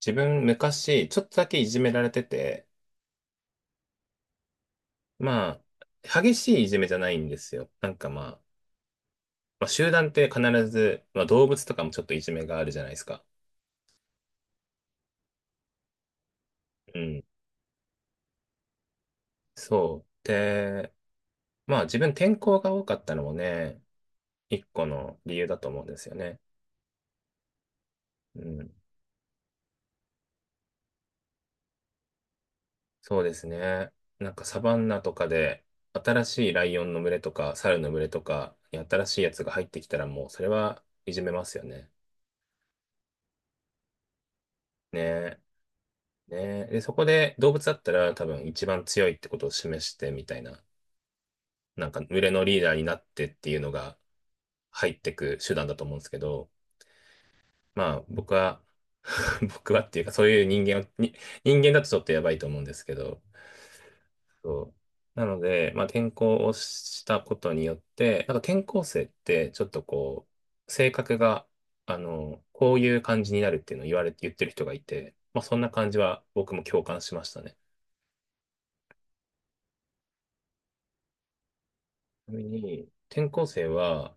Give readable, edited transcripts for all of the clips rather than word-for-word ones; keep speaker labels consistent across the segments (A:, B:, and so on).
A: 自分昔、ちょっとだけいじめられてて、まあ、激しいいじめじゃないんですよ。なんかまあ、集団って必ず、まあ動物とかもちょっといじめがあるじゃないですか。うん。そう。で、まあ自分転校が多かったのもね、一個の理由だと思うんですよね。うん。そうですね。なんかサバンナとかで、新しいライオンの群れとか、猿の群れとかに新しいやつが入ってきたらもう、それはいじめますよね。ねねえ、で、そこで動物だったら多分一番強いってことを示してみたいな、なんか群れのリーダーになってっていうのが入ってく手段だと思うんですけど、まあ僕は、僕はっていうかそういう人間だとちょっとやばいと思うんですけど、そう。なので、まあ転校をしたことによって、なんか転校生ってちょっとこう、性格が、あの、こういう感じになるっていうのを言われて、言ってる人がいて、まあそんな感じは僕も共感しましたね。ちなみに、転校生は、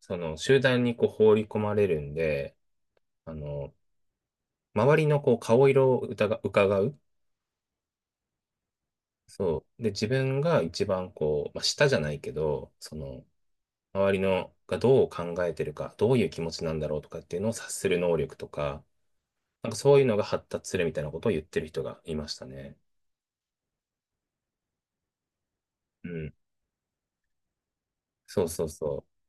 A: その集団にこう放り込まれるんで、あの、周りのこう顔色を疑う、伺う。そう。で、自分が一番こう、まあ、下じゃないけど、その、周りのがどう考えてるか、どういう気持ちなんだろうとかっていうのを察する能力とか、なんかそういうのが発達するみたいなことを言ってる人がいましたね。うん。そうそうそう。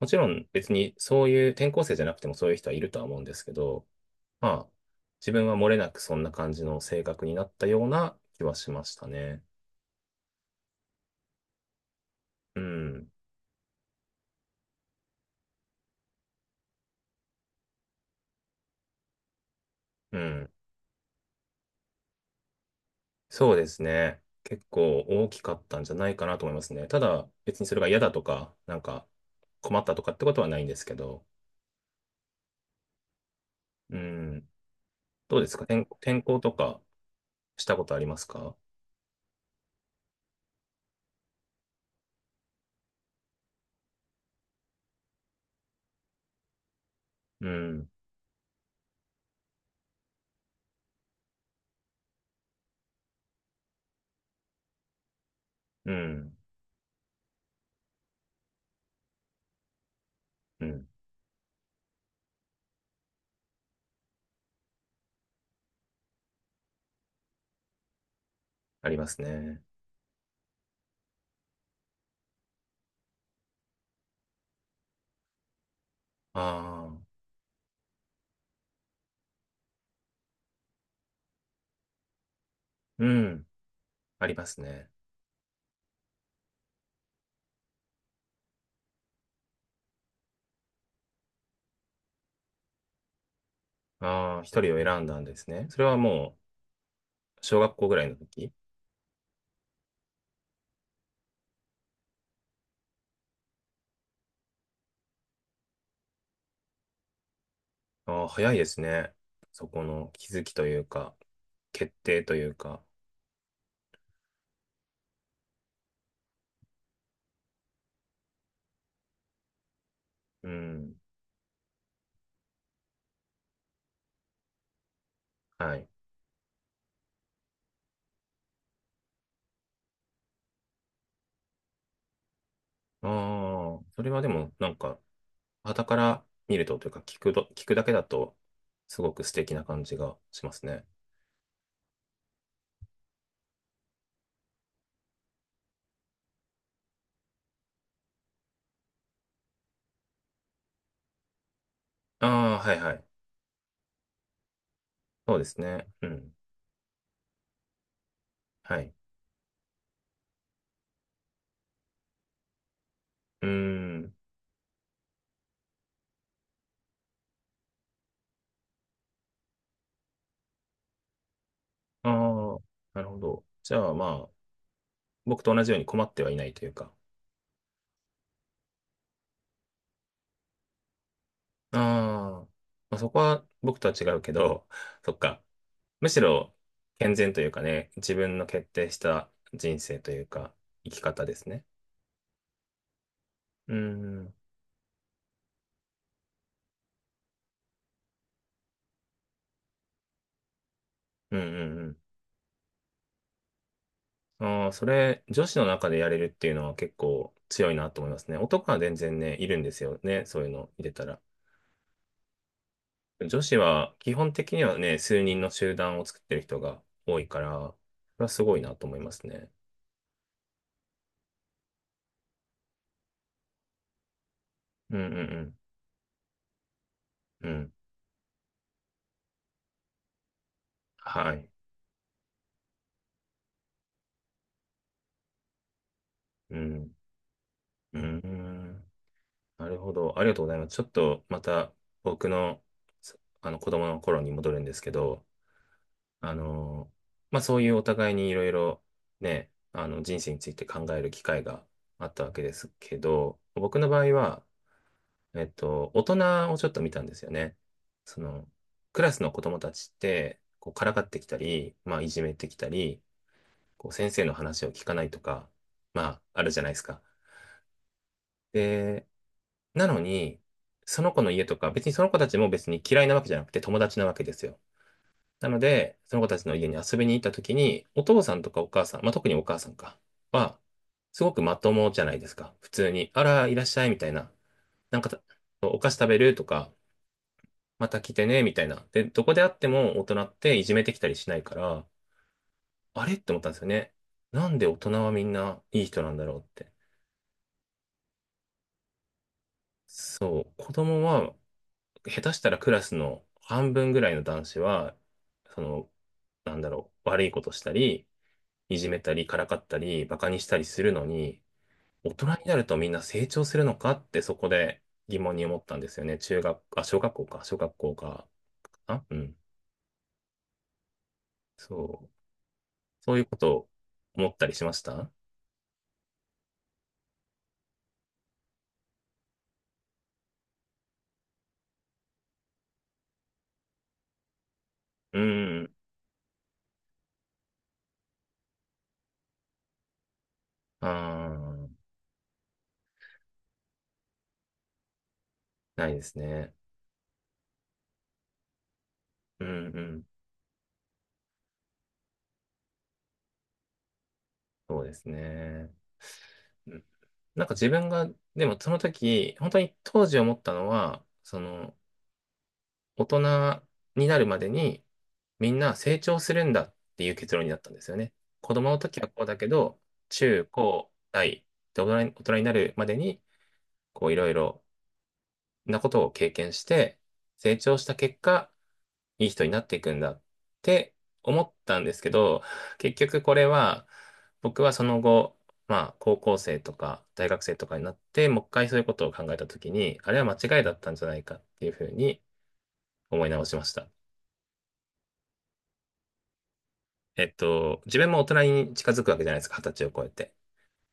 A: もちろん別にそういう転校生じゃなくてもそういう人はいるとは思うんですけど、まあ、自分は漏れなくそんな感じの性格になったような気はしましたね。うん、うん。そうですね。結構大きかったんじゃないかなと思いますね。ただ、別にそれが嫌だとか、なんか困ったとかってことはないんですけど、うん。どうですか転校とかしたことありますか？うん、うん、うん。ありますね。ああ、うん、ありますね。ああ、一人を選んだんですね。それはもう、小学校ぐらいの時。ああ、早いですね。そこの気づきというか、決定というか。うん。はい。ああ、それはでも、なんか、傍から見るとというか、聞くだけだと、すごく素敵な感じがしますね。ああ、はいはい。そうですね。うん。はい。うーん。ああ、なるほど。じゃあ、まあ、僕と同じように困ってはいないというか。ああ、まあ、そこは僕とは違うけど、そっか。むしろ健全というかね、自分の決定した人生というか、生き方ですね。うん、うん、うん、うん。ああ、それ、女子の中でやれるっていうのは結構強いなと思いますね。男は全然ね、いるんですよね。そういうの入れたら。女子は基本的にはね、数人の集団を作ってる人が多いから、それはすごいなと思いますね。うん、うん、うん。うん。はい。うん。うん。なるほど。ありがとうございます。ちょっとまた僕の、そあの子供の頃に戻るんですけど、あの、まあそういうお互いにいろいろね、あの人生について考える機会があったわけですけど、僕の場合は、大人をちょっと見たんですよね。その、クラスの子供たちって、こうからかってきたり、まあいじめてきたり、こう先生の話を聞かないとか、まああるじゃないですか。で、なのに、その子の家とか、別にその子たちも別に嫌いなわけじゃなくて友達なわけですよ。なので、その子たちの家に遊びに行った時に、お父さんとかお母さん、まあ、特にお母さんか、は、すごくまともじゃないですか。普通に、あら、いらっしゃい、みたいな。なんかお菓子食べるとか、また来てね、みたいな。で、どこであっても大人っていじめてきたりしないから、あれって思ったんですよね。なんで大人はみんないい人なんだろうって。そう、子供は下手したらクラスの半分ぐらいの男子は、その、なんだろう、悪いことしたり、いじめたり、からかったり、バカにしたりするのに、大人になるとみんな成長するのかってそこで疑問に思ったんですよね。中学、あ、小学校か、あ、うん。そう。そういうことを思ったりしました。うん。ああ、ないですね。うんうん。そうですね。うん。なんか自分が、でもその時、本当に当時思ったのは、その、大人になるまでにみんな成長するんだっていう結論になったんですよね。子供の時はこうだけど、中高大で大人になるまでにこういろいろなことを経験して成長した結果、いい人になっていくんだって思ったんですけど、結局これは僕はその後、まあ高校生とか大学生とかになってもう一回そういうことを考えた時に、あれは間違いだったんじゃないかっていうふうに思い直しました。自分も大人に近づくわけじゃないですか、二十歳を超えて。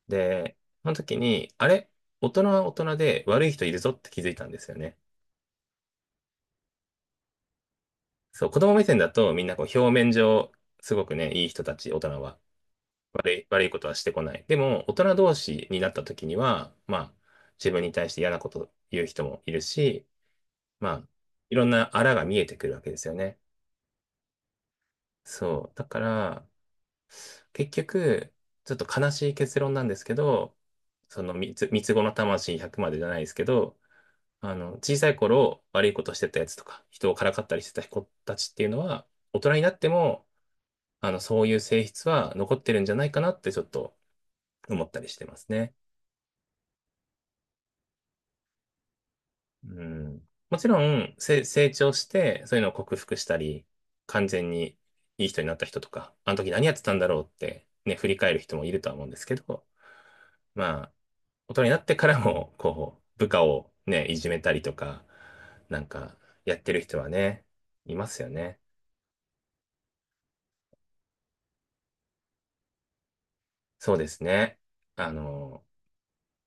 A: で、その時に、あれ大人は大人で悪い人いるぞって気づいたんですよね。そう、子供目線だとみんなこう表面上、すごくね、いい人たち、大人は。悪いことはしてこない。でも、大人同士になった時には、まあ、自分に対して嫌なこと言う人もいるし、まあ、いろんなあらが見えてくるわけですよね。そう。だから、結局、ちょっと悲しい結論なんですけど、その三つ子の魂100までじゃないですけど、あの、小さい頃悪いことしてたやつとか、人をからかったりしてた子たちっていうのは、大人になっても、あの、そういう性質は残ってるんじゃないかなってちょっと思ったりしてますね。うん。もちろん、成長して、そういうのを克服したり、完全にいい人になった人とか、あの時何やってたんだろうってね、振り返る人もいるとは思うんですけど、まあ、大人になってからも、こう、部下をね、いじめたりとか、なんか、やってる人はね、いますよね。そうですね。あの、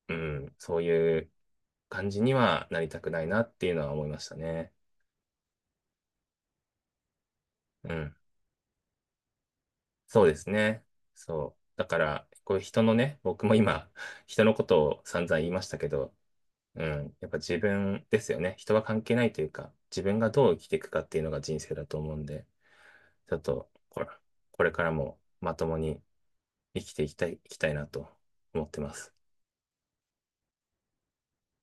A: うん、そういう感じにはなりたくないなっていうのは思いましたね。うん、そうですね。そう。だから、こういう人のね、僕も今、人のことを散々言いましたけど、うん、やっぱ自分ですよね。人は関係ないというか、自分がどう生きていくかっていうのが人生だと思うんで、ちょっと、これ、これからもまともに生きていきたい、いきたいなと思ってます。